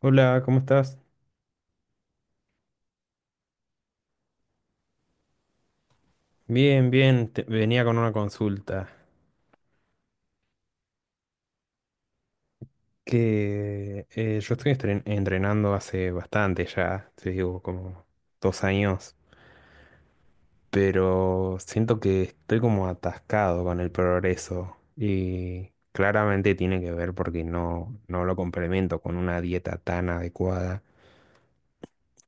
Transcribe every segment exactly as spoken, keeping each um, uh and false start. Hola, ¿cómo estás? Bien, bien, te- venía con una consulta. Que eh, yo estoy estren- entrenando hace bastante ya, te digo, como dos años, pero siento que estoy como atascado con el progreso y claramente tiene que ver porque no, no lo complemento con una dieta tan adecuada.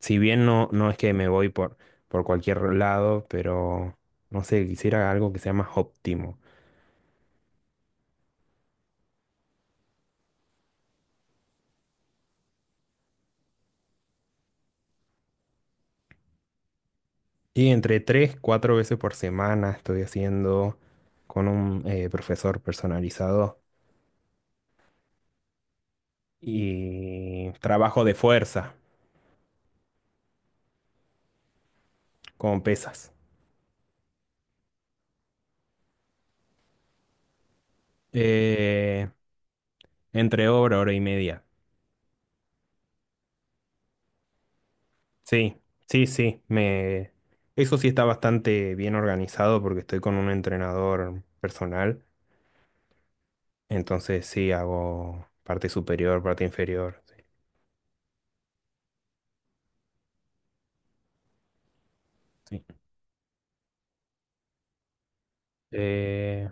Si bien no, no es que me voy por, por cualquier lado, pero no sé, quisiera algo que sea más óptimo. Y entre tres, cuatro veces por semana estoy haciendo con un eh, profesor personalizado y trabajo de fuerza con pesas. Eh, entre hora, hora y media. Sí, sí, sí. Me... Eso sí está bastante bien organizado porque estoy con un entrenador personal. Entonces sí, hago parte superior, parte inferior. Sí. Sí. Eh,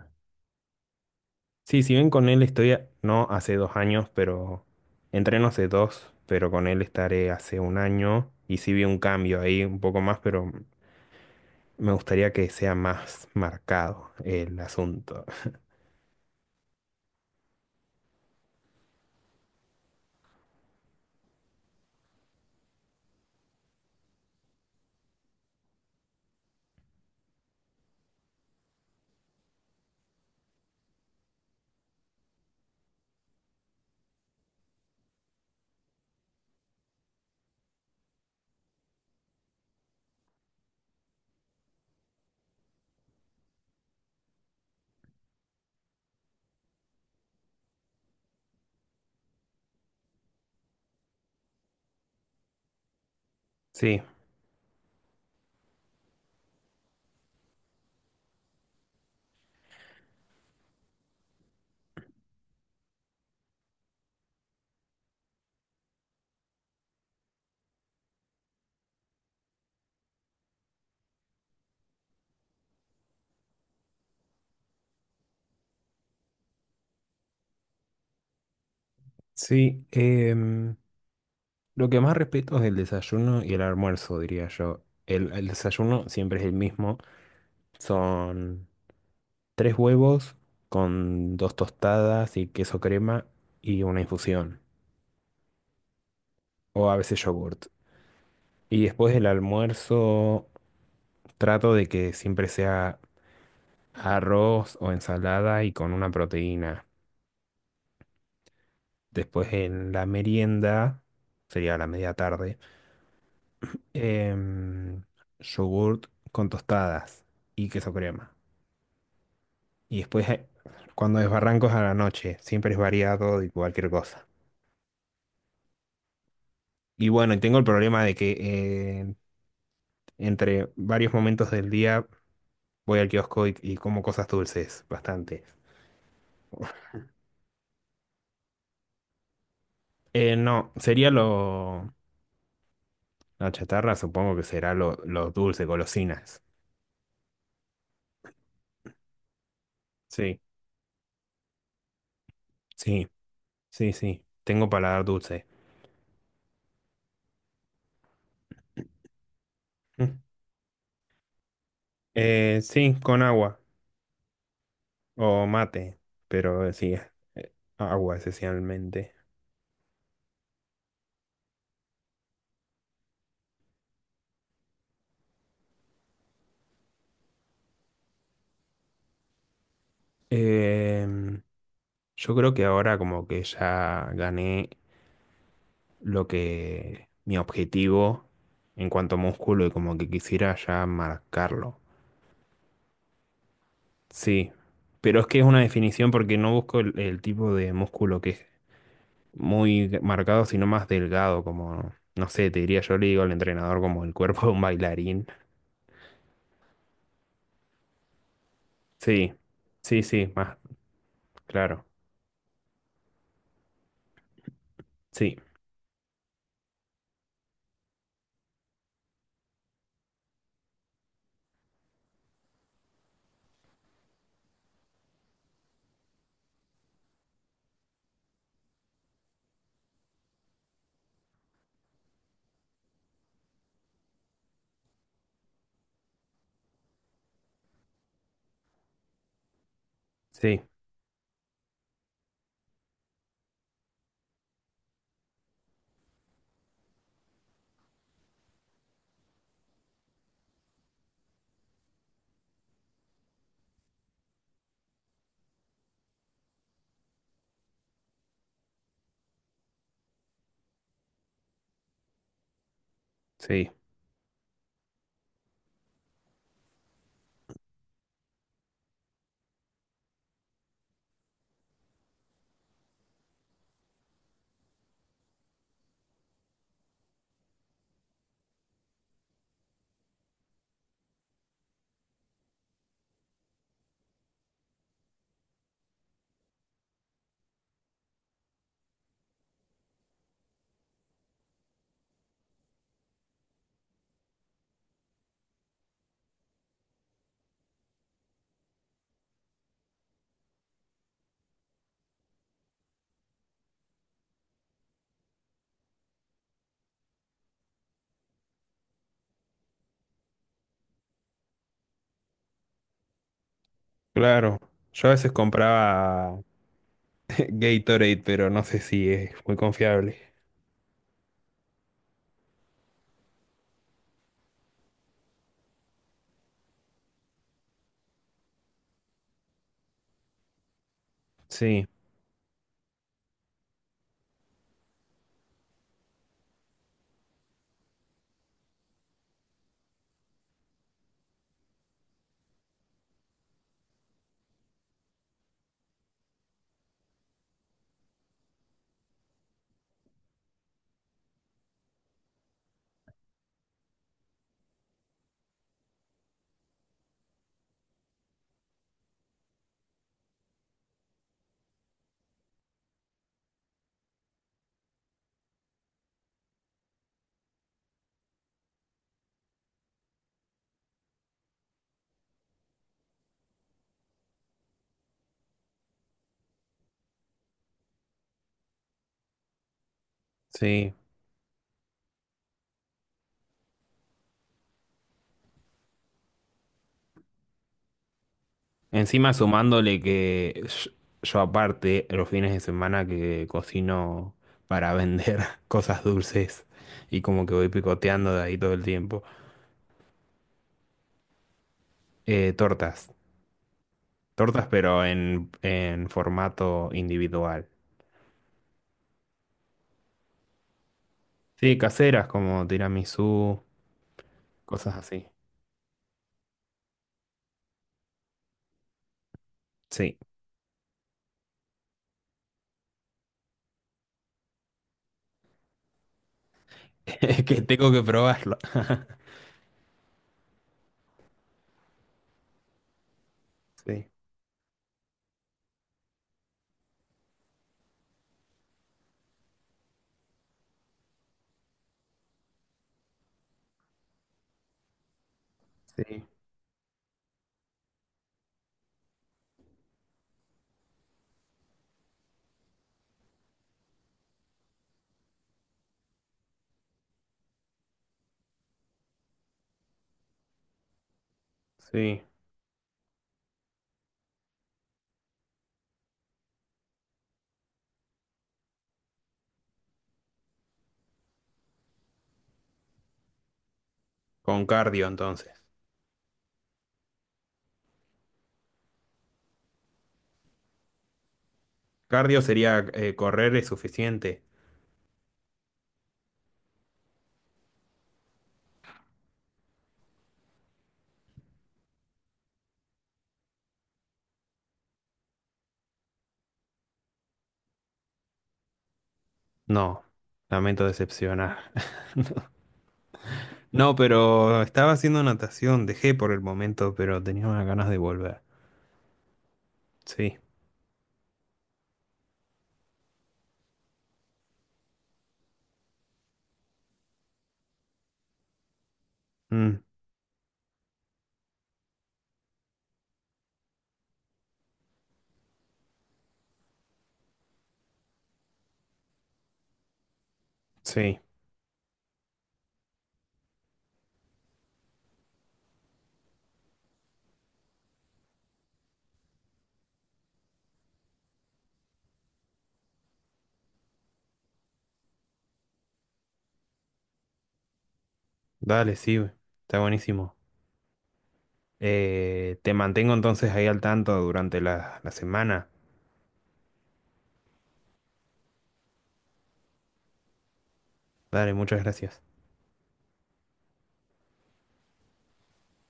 sí, si bien con él estoy, a- no hace dos años, pero entreno hace dos, pero con él estaré hace un año y sí vi un cambio ahí un poco más, pero me gustaría que sea más marcado el asunto. Sí, sí. em, lo que más respeto es el desayuno y el almuerzo, diría yo. El, el desayuno siempre es el mismo. Son tres huevos con dos tostadas y queso crema y una infusión, o a veces yogurt. Y después del almuerzo trato de que siempre sea arroz o ensalada y con una proteína. Después en la merienda, sería la media tarde, em, yogurt con tostadas y queso crema. Y después eh, cuando desbarranco es a la noche, siempre es variado de cualquier cosa. Y bueno, y tengo el problema de que eh, entre varios momentos del día voy al kiosco y y como cosas dulces, bastante. Eh, no, sería lo... La chatarra supongo que será lo, lo dulce, golosinas. Sí, sí, sí, sí. Tengo paladar dulce. Mm. Eh, sí, con agua o mate, pero eh, sí, eh, agua esencialmente. Em, yo creo que ahora como que ya gané lo que... mi objetivo en cuanto a músculo y como que quisiera ya marcarlo. Sí, pero es que es una definición porque no busco el, el tipo de músculo que es muy marcado, sino más delgado, como, no sé, te diría yo, le digo al entrenador como el cuerpo de un bailarín. Sí, sí, sí, más, claro. Sí, sí, sí, claro. Yo a veces compraba Gatorade, pero no sé si es muy confiable. Sí, sí. Encima sumándole que yo, yo aparte, los fines de semana que cocino para vender cosas dulces y como que voy picoteando de ahí todo el tiempo. Eh, tortas. Tortas, pero en, en formato individual. Sí, caseras como tiramisú, cosas así. Sí, es que tengo que probarlo. Sí, sí, sí. Con cardio entonces. Cardio sería eh, correr es suficiente. No, lamento decepcionar. No, no, pero estaba haciendo natación, dejé por el momento, pero tenía unas ganas de volver. Sí, mm, sí. Dale, sí, está buenísimo. Eh, te mantengo entonces ahí al tanto durante la, la semana. Dale, muchas gracias.